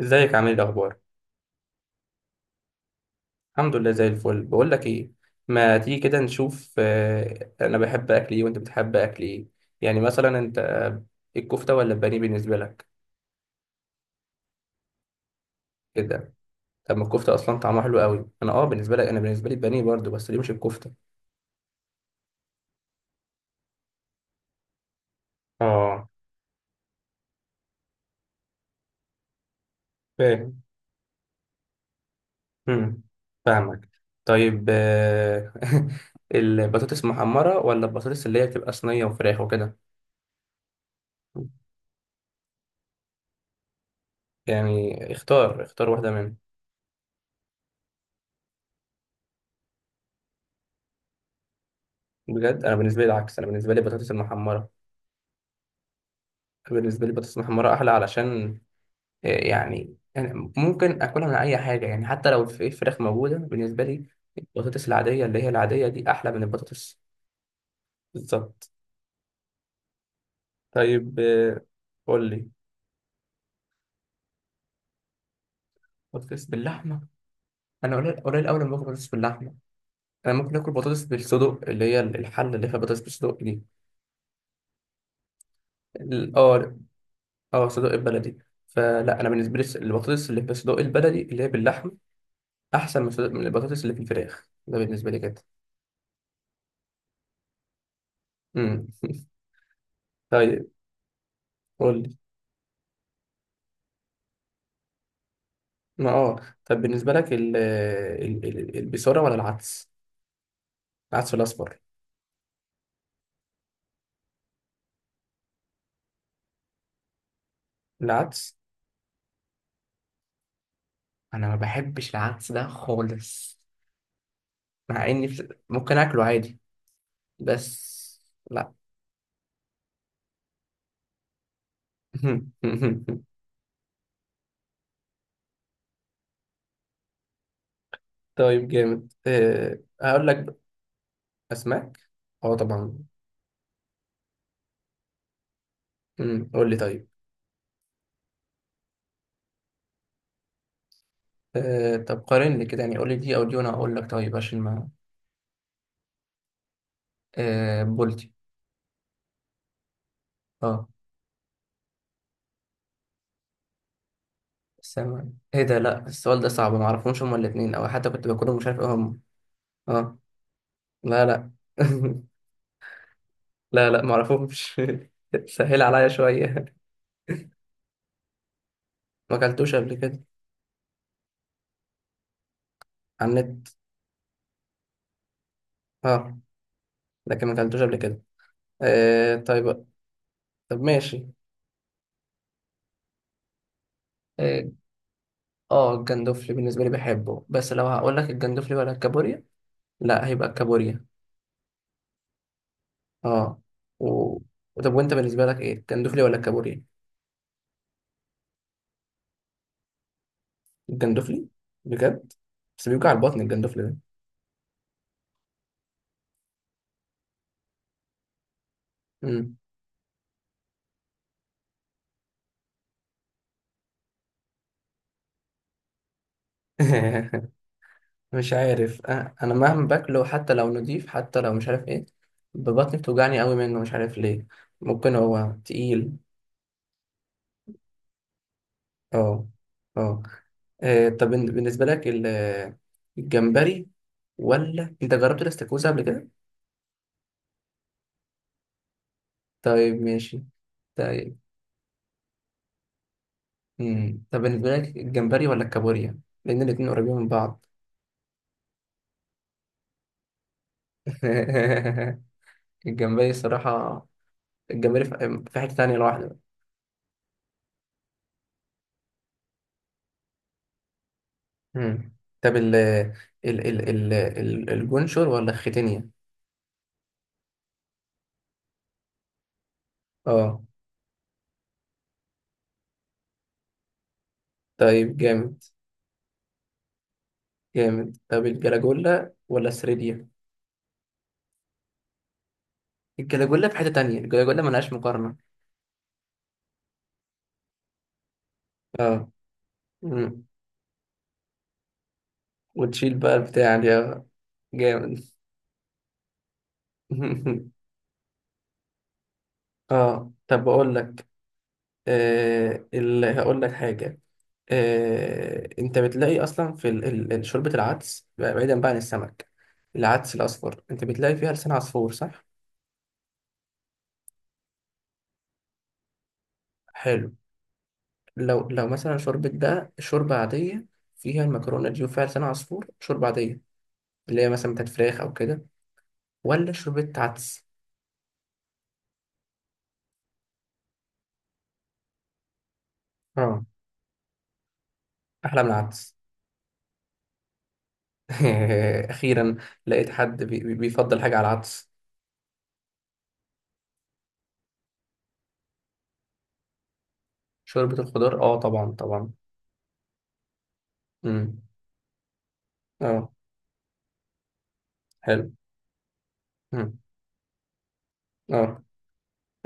ازيك عامل ايه الاخبار؟ الحمد لله زي الفل. بقول لك ايه، ما تيجي كده نشوف انا بحب اكل ايه وانت بتحب اكل ايه؟ يعني مثلا انت، الكفته ولا البانيه بالنسبه لك؟ كده. طب ما الكفته اصلا طعمها حلو قوي. انا بالنسبه لك، انا بالنسبه لي البانيه برضو، بس ليه مش الكفته؟ اه، فاهم. امم فاهمك. طيب البطاطس محمره ولا البطاطس اللي هي بتبقى صينيه وفراخ وكده؟ يعني اختار واحده منهم. بجد، انا بالنسبه لي العكس، انا بالنسبه لي البطاطس المحمره. بالنسبة لي بطاطس محمرة أحلى، علشان يعني ممكن أكلها من أي حاجة. يعني حتى لو في فراخ موجودة، بالنسبة لي البطاطس العادية اللي هي العادية دي أحلى من البطاطس. بالظبط. طيب قول لي. بطاطس باللحمة. أنا قليل أوي لما باكل بطاطس باللحمة. أنا ممكن آكل بطاطس بالصدق اللي هي الحلة اللي فيها بطاطس بالصدق دي. أه، أه، صدق البلدي. فلا، أنا بالنسبة لي البطاطس اللي بالصدق البلدي اللي هي باللحمة أحسن من من البطاطس اللي في الفراخ، ده بالنسبة لي كده. مم. طيب. قول لي. ما اه طب بالنسبة لك ال ال ال البصارة ولا العدس؟ العدس الأصفر. العدس، انا ما بحبش العدس ده خالص، مع إني ممكن آكله عادي. بس لا. طيب جامد، أه هقول لك بقى. أسماك؟ اه طبعا. قول لي طيب. أه طب قارن لي كده، يعني قول لي دي أو دي وأنا هقول لك. طيب، عشان ما. أه، بولتي. اه. سمك إيه ده؟ لا، السؤال ده صعب، ما أعرفهمش هما الاتنين، أو حتى كنت باكلهم مش عارف إيه هما. اه. لا، لا. لا، لا، معرفهمش. سهل عليا شوية. ما اكلتوش قبل كده. على النت. اه، لكن ما اكلتوش قبل كده. آه، طيب. طب ماشي. اه، الجندوفلي بالنسبة لي بحبه، بس لو هقول لك الجندوفلي ولا الكابوريا، لا هيبقى الكابوريا. اه. و... طب وانت بالنسبة لك ايه، الجندوفلي ولا الكابوريا؟ الجندوفلي؟ بجد؟ بس بيوجع البطن الجندوفلي ده. مم. مش عارف انا مهما باكله، حتى لو نضيف، حتى لو مش عارف ايه، ببطني بتوجعني قوي منه مش عارف ليه. ممكن هو تقيل. اه. اه. طب بالنسبه لك الجمبري، ولا انت جربت الاستاكوزا قبل كده؟ طيب ماشي. طيب. مم. طب بالنسبه لك الجمبري ولا الكابوريا؟ لان الاتنين قريبين من بعض. الجمبري الصراحه. الجمبري في في حته تانية لوحده. مم. طب الجونشور ولا الختينيا؟ اه. طيب جامد. جامد. طب الجلاجولا ولا السريديا؟ الجلاجولا في حتة تانية، الجلاجولا ملهاش مقارنة. اه. مم. وتشيل بقى البتاع دي آه. جامد. اه طب بقول لك، آه هقول لك حاجة. انت بتلاقي اصلا في شوربه العدس، بعيدا بقى عن السمك، العدس الاصفر، انت بتلاقي فيها لسان عصفور، صح؟ حلو. لو مثلا شوربة بقى، شوربة عادية فيها المكرونة دي وفيها لسان عصفور، شوربة عادية اللي هي مثلا بتاعت فراخ أو كده، ولا شوربة عدس؟ اه. أحلى من العدس. أخيرا لقيت حد بيفضل حاجة على العدس. شوربة الخضار، اه طبعا طبعا. امم. اه. حلو. امم. اه.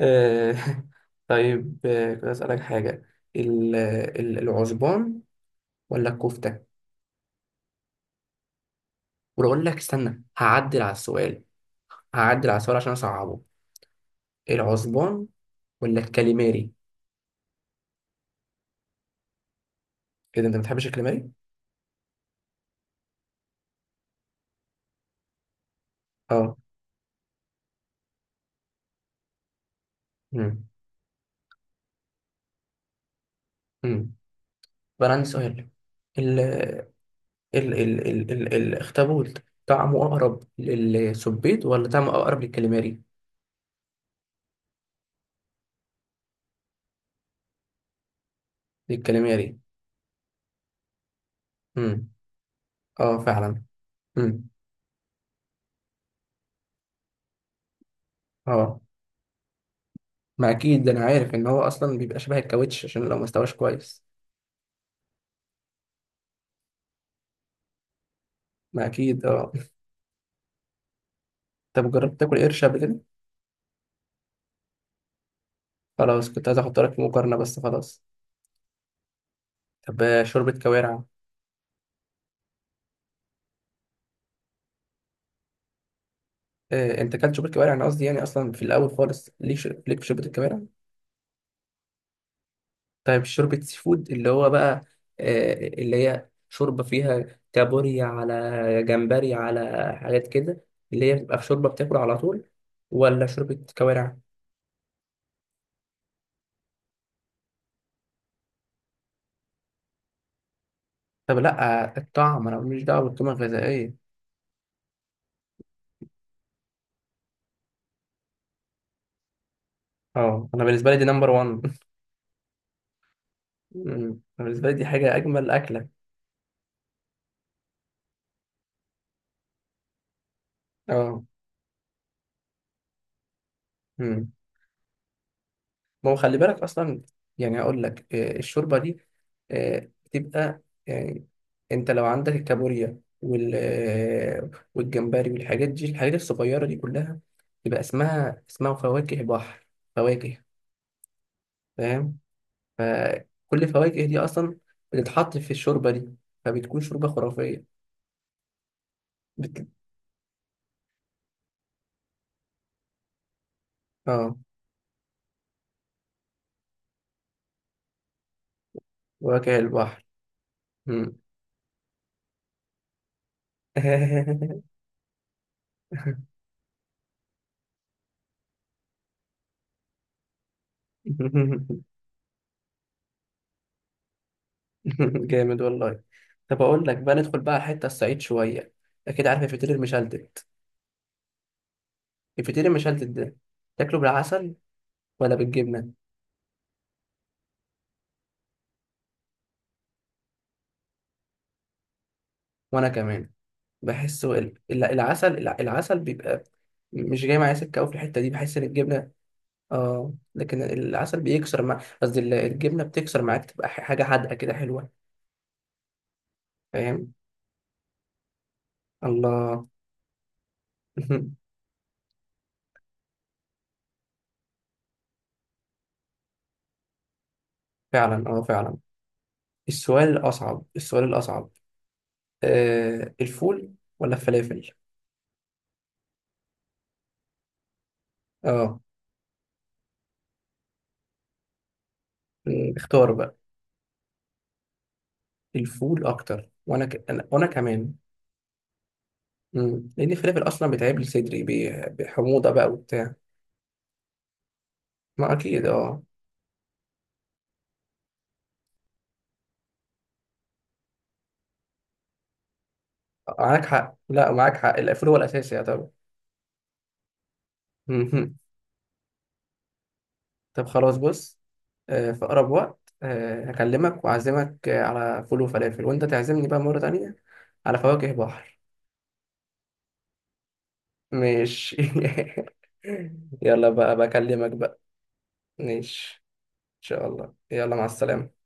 آه. طيب، كنت أسألك حاجة. العزبان ولا الكفتة؟ وأقول لك استنى هعدل على السؤال. هعدل على السؤال عشان أصعبه. العزبان ولا الكاليماري؟ كده انت ما بتحبش الكاليماري. اه. امم. امم. طب انا عندي سؤال. ال ال ال ال ال الاخطبوط، طعمه اقرب للسبيط ولا طعمه اقرب للكاليماري؟ للكاليماري. امم. اه فعلا. امم. اه. ما اكيد ده، انا عارف ان هو اصلا بيبقى شبه الكاوتش عشان لو ما استواش كويس. ما اكيد اه. طب جربت تاكل قرش قبل كده؟ خلاص، كنت عايز احط لك في مقارنه بس خلاص. طب شوربه كوارع. انت كلت شوربه كوارع، انا قصدي يعني اصلا في الاول خالص، ليك ليك في شوربه الكوارع؟ طيب، شوربة سي فود اللي هو بقى، اللي هي شوربة فيها كابوريا على جمبري على حاجات كده، اللي هي بتبقى في شوربة بتاكل على طول، ولا شوربة كوارع؟ طب لا، الطعم، أنا ماليش دعوة بالقيمة الغذائية. اه. أنا بالنسبة لي دي نمبر 1. أنا بالنسبة لي دي حاجة، أجمل أكلة. اه. أمم. ما هو خلي بالك اصلا. يعني اقول لك، الشوربه دي بتبقى، يعني انت لو عندك الكابوريا وال آه، والجمبري والحاجات دي، الحاجات الصغيره دي كلها، يبقى اسمها فواكه بحر. فواكه. فاهم. فكل الفواكه دي اصلا بتتحط في الشوربه دي، فبتكون شوربه خرافيه. بت... اه. فواكه البحر. مم. جامد والله. طب اقول لك بقى، ندخل بقى على الحته الصعيد شويه. اكيد عارف الفطير المشلتت. الفطير المشلتت ده تاكله بالعسل ولا بالجبنه؟ وانا كمان. بحسه العسل، العسل بيبقى مش جاي معايا سكه قوي في الحته دي، بحس ان الجبنه، اه، لكن العسل بيكسر مع، قصدي الجبنه بتكسر معاك، تبقى حاجه حادقه كده حلوه. فاهم. الله. فعلا، اه فعلا. السؤال الاصعب، السؤال الاصعب، آه، الفول ولا الفلافل؟ اه. مم، اختار بقى. الفول اكتر. وانا وانا كمان. مم. لان الفلافل اصلا بيتعب لي صدري، بحموضه بقى وبتاع. ما اكيد اه. معاك حق، لا معاك حق، الفول هو الاساسي يا طبعا. مهم. طب خلاص، بص، في اقرب وقت هكلمك واعزمك على فول وفلافل، وانت تعزمني بقى مره تانية على فواكه بحر. ماشي. يلا بقى، بكلمك بقى. ماشي. ان شاء الله. يلا مع السلامه.